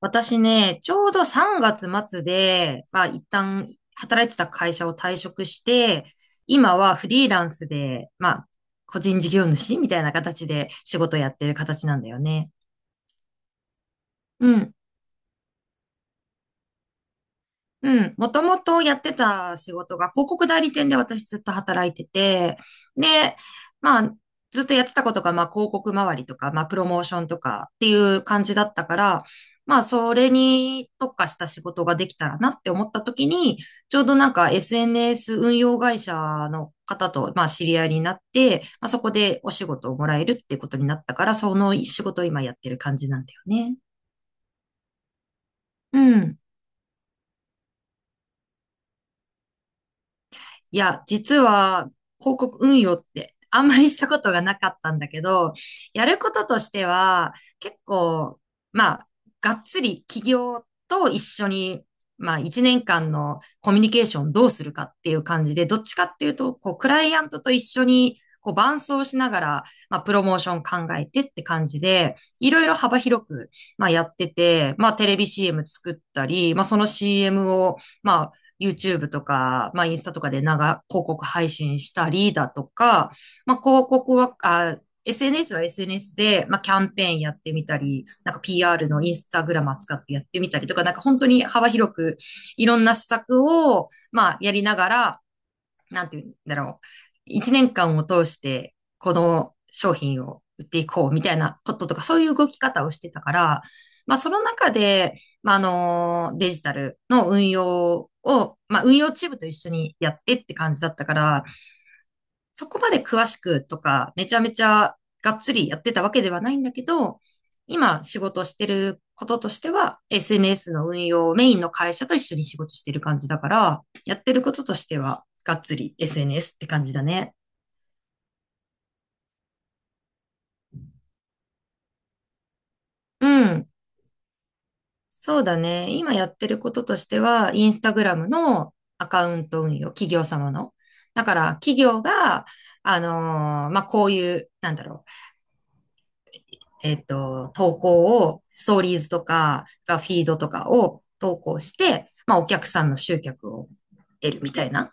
私ね、ちょうど3月末で、まあ一旦働いてた会社を退職して、今はフリーランスで、まあ個人事業主みたいな形で仕事やってる形なんだよね。うん。うん。もともとやってた仕事が広告代理店で私ずっと働いてて、で、まあ、ずっとやってたことが、まあ、広告周りとか、まあ、プロモーションとかっていう感じだったから、まあ、それに特化した仕事ができたらなって思った時に、ちょうどなんか SNS 運用会社の方と、まあ、知り合いになって、まあ、そこでお仕事をもらえるっていうことになったから、その仕事を今やってる感じなんだよね。うん。いや、実は広告運用ってあんまりしたことがなかったんだけど、やることとしては結構、まあ、がっつり企業と一緒に、まあ、1年間のコミュニケーションどうするかっていう感じで、どっちかっていうと、こう、クライアントと一緒に、こう、伴走しながら、まあ、プロモーション考えてって感じで、いろいろ幅広く、まあ、やってて、まあ、テレビ CM 作ったり、まあ、その CM を、まあ、YouTube とか、まあ、インスタとかで長、広告配信したりだとか、まあ、広告は、あ SNS は SNS で、まあ、キャンペーンやってみたり、なんか PR のインスタグラム使ってやってみたりとか、なんか本当に幅広くいろんな施策を、まあ、やりながら、なんて言うんだろう。一年間を通して、この商品を売っていこうみたいなこととか、そういう動き方をしてたから、まあ、その中で、まあ、あの、デジタルの運用を、まあ、運用チームと一緒にやってって感じだったから、そこまで詳しくとか、めちゃめちゃがっつりやってたわけではないんだけど、今仕事してることとしては、SNS の運用をメインの会社と一緒に仕事してる感じだから、やってることとしては、がっつり SNS って感じだね。うん。そうだね。今やってることとしては、インスタグラムのアカウント運用、企業様の。だから、企業が、あのまあ、こういう、なんだろう、投稿を、ストーリーズとか、フィードとかを投稿して、まあ、お客さんの集客を得るみたいな、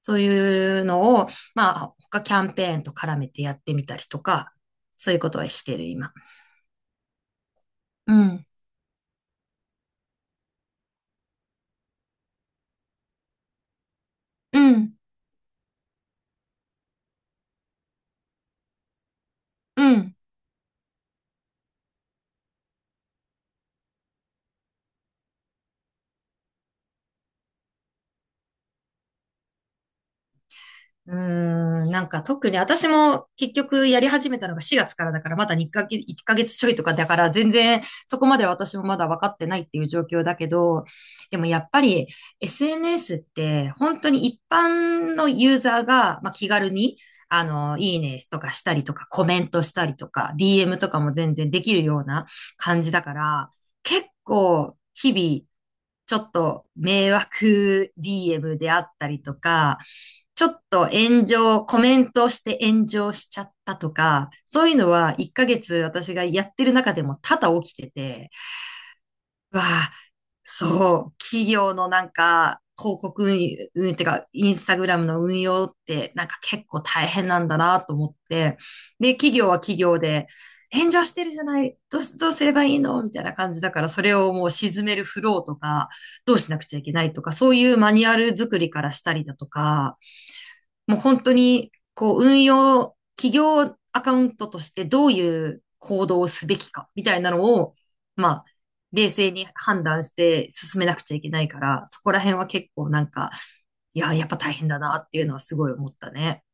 そういうのを、まあ、他キャンペーンと絡めてやってみたりとか、そういうことはしてる、今。うん。うん。うん。うーん、なんか特に私も結局やり始めたのが4月からだからまだ2ヶ月、1ヶ月ちょいとかだから全然そこまで私もまだ分かってないっていう状況だけど、でもやっぱり SNS って本当に一般のユーザーが、まあ、気軽にあの、いいねとかしたりとかコメントしたりとか DM とかも全然できるような感じだから結構日々ちょっと迷惑 DM であったりとか、ちょっと炎上、コメントして炎上しちゃったとか、そういうのは1ヶ月私がやってる中でも多々起きてて、わあ、そう、企業のなんか、広告運輸、運輸ってか、インスタグラムの運用って、なんか結構大変なんだなと思って、で、企業は企業で、炎上してるじゃない、どうすればいいのみたいな感じだから、それをもう沈めるフローとか、どうしなくちゃいけないとか、そういうマニュアル作りからしたりだとか、もう本当に、こう、運用、企業アカウントとしてどういう行動をすべきか、みたいなのを、まあ、冷静に判断して進めなくちゃいけないから、そこら辺は結構なんか、いや、やっぱ大変だなっていうのはすごい思ったね。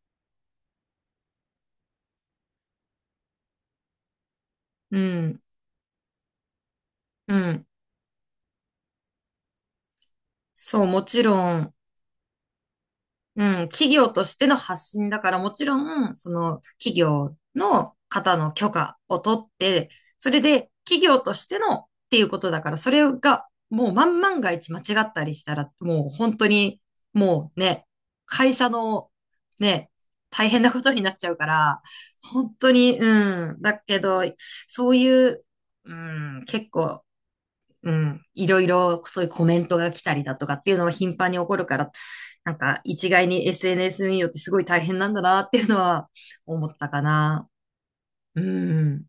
うん、うん。そう、もちろん、うん、企業としての発信だから、もちろん、その企業の方の許可を取って、それで企業としてのっていうことだから、それがもう万万が一間違ったりしたら、もう本当に、もうね、会社のね、大変なことになっちゃうから、本当に、うん、だけど、そういう、うん、結構うん、いろいろそういうコメントが来たりだとかっていうのは頻繁に起こるから、なんか一概に SNS によってすごい大変なんだなっていうのは思ったかな。うん、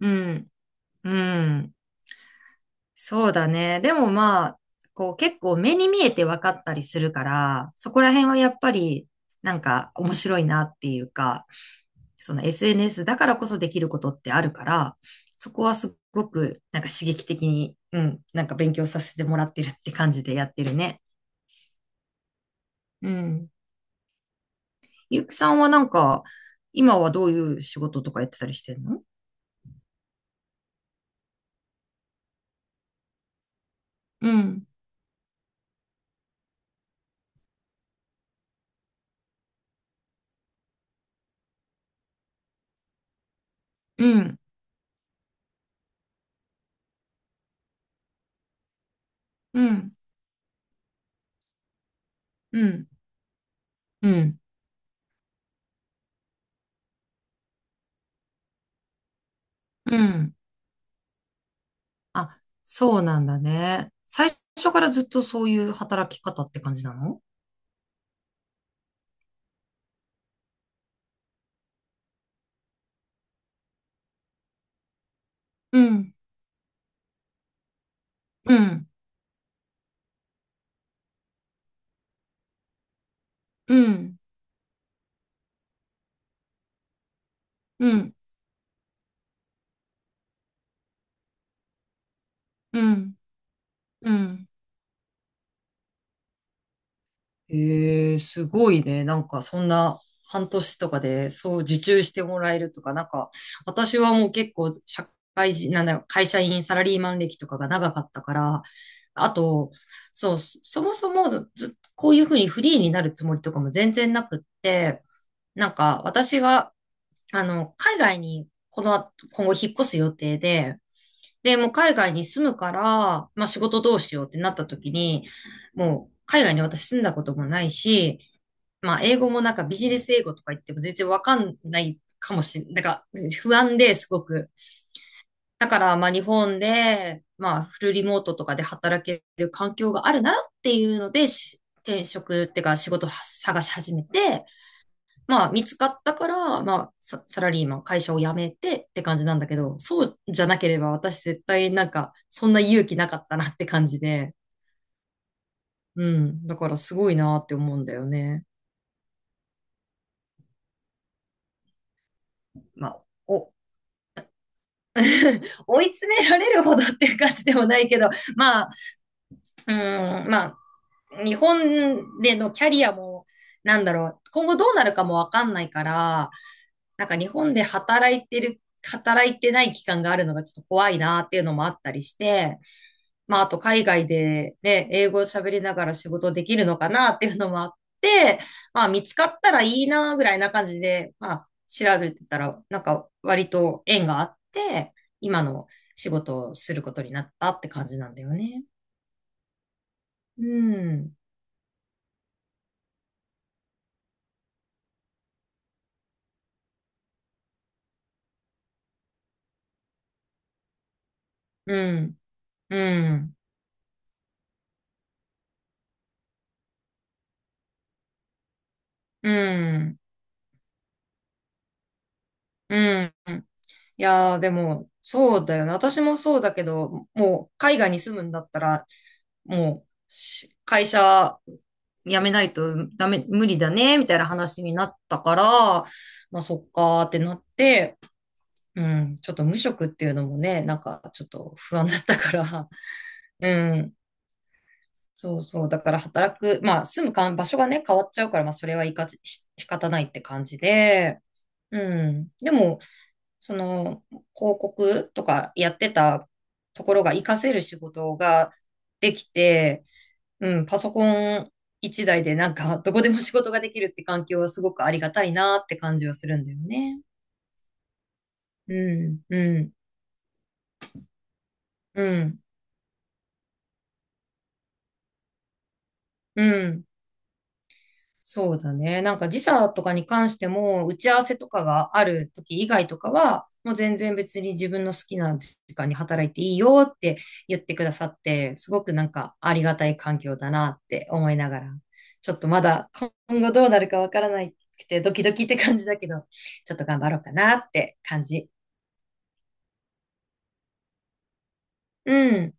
うん、うん。そうだね。でもまあ、こう結構目に見えて分かったりするから、そこら辺はやっぱりなんか面白いなっていうか、その SNS だからこそできることってあるから、そこはすごくなんか刺激的に、うん、なんか勉強させてもらってるって感じでやってるね。うん。ゆうきさんはなんか、今はどういう仕事とかやってたりしてんの？うん、うん、うん、うん、うん、うん。あ、そうなんだね。最初からずっとそういう働き方って感じなの？うん、うん、うん、うん、うん、うん。ええ、すごいね。なんかそんな半年とかでそう受注してもらえるとか、なんか私はもう結構社会人、なんだよ、会社員、サラリーマン歴とかが長かったから、あと、そう、そそもそもず、こういうふうにフリーになるつもりとかも全然なくって、なんか私が海外にこの後、今後引っ越す予定で、で、もう海外に住むから、まあ仕事どうしようってなった時に、もう海外に私住んだこともないし、まあ英語もなんかビジネス英語とか言っても全然わかんないかもしれないなんか不安ですごく。だからまあ日本で、まあフルリモートとかで働ける環境があるならっていうので、転職っていうか仕事を探し始めて、まあ、見つかったから、まあ、ササラリーマン、会社を辞めてって感じなんだけど、そうじゃなければ私絶対なんか、そんな勇気なかったなって感じで、うん。だからすごいなって思うんだよね。まあ、お、追い詰められるほどっていう感じでもないけど、まあ、うん、まあ、日本でのキャリアも、なんだろう、今後どうなるかもわかんないから、なんか日本で働いてる、働いてない期間があるのがちょっと怖いなっていうのもあったりして、まあ、あと海外でね、英語を喋りながら仕事できるのかなっていうのもあって、まあ、見つかったらいいなぐらいな感じで、まあ、調べてたら、なんか割と縁があって、今の仕事をすることになったって感じなんだよね。うん、うん、うん、うん、うん。いやー、でも、そうだよね。私もそうだけど、もう、海外に住むんだったら、もう、し会社辞めないとダメ、無理だね、みたいな話になったから、まあ、そっかーってなって、うん、ちょっと無職っていうのもね、なんか、ちょっと不安だったから、うん、そうそう、だから働く、まあ、住むかん場所がね、変わっちゃうから、まあ、それはいかし仕方ないって感じで、うん。でも、その、広告とかやってたところが活かせる仕事ができて、うん、パソコン一台でなんか、どこでも仕事ができるって環境はすごくありがたいなって感じはするんだよね。うん、うん、うん、うん。そうだね。なんか時差とかに関しても、打ち合わせとかがある時以外とかは、もう全然別に自分の好きな時間に働いていいよって言ってくださって、すごくなんかありがたい環境だなって思いながら、ちょっとまだ今後どうなるかわからないくてドキドキって感じだけど、ちょっと頑張ろうかなって感じ。うん。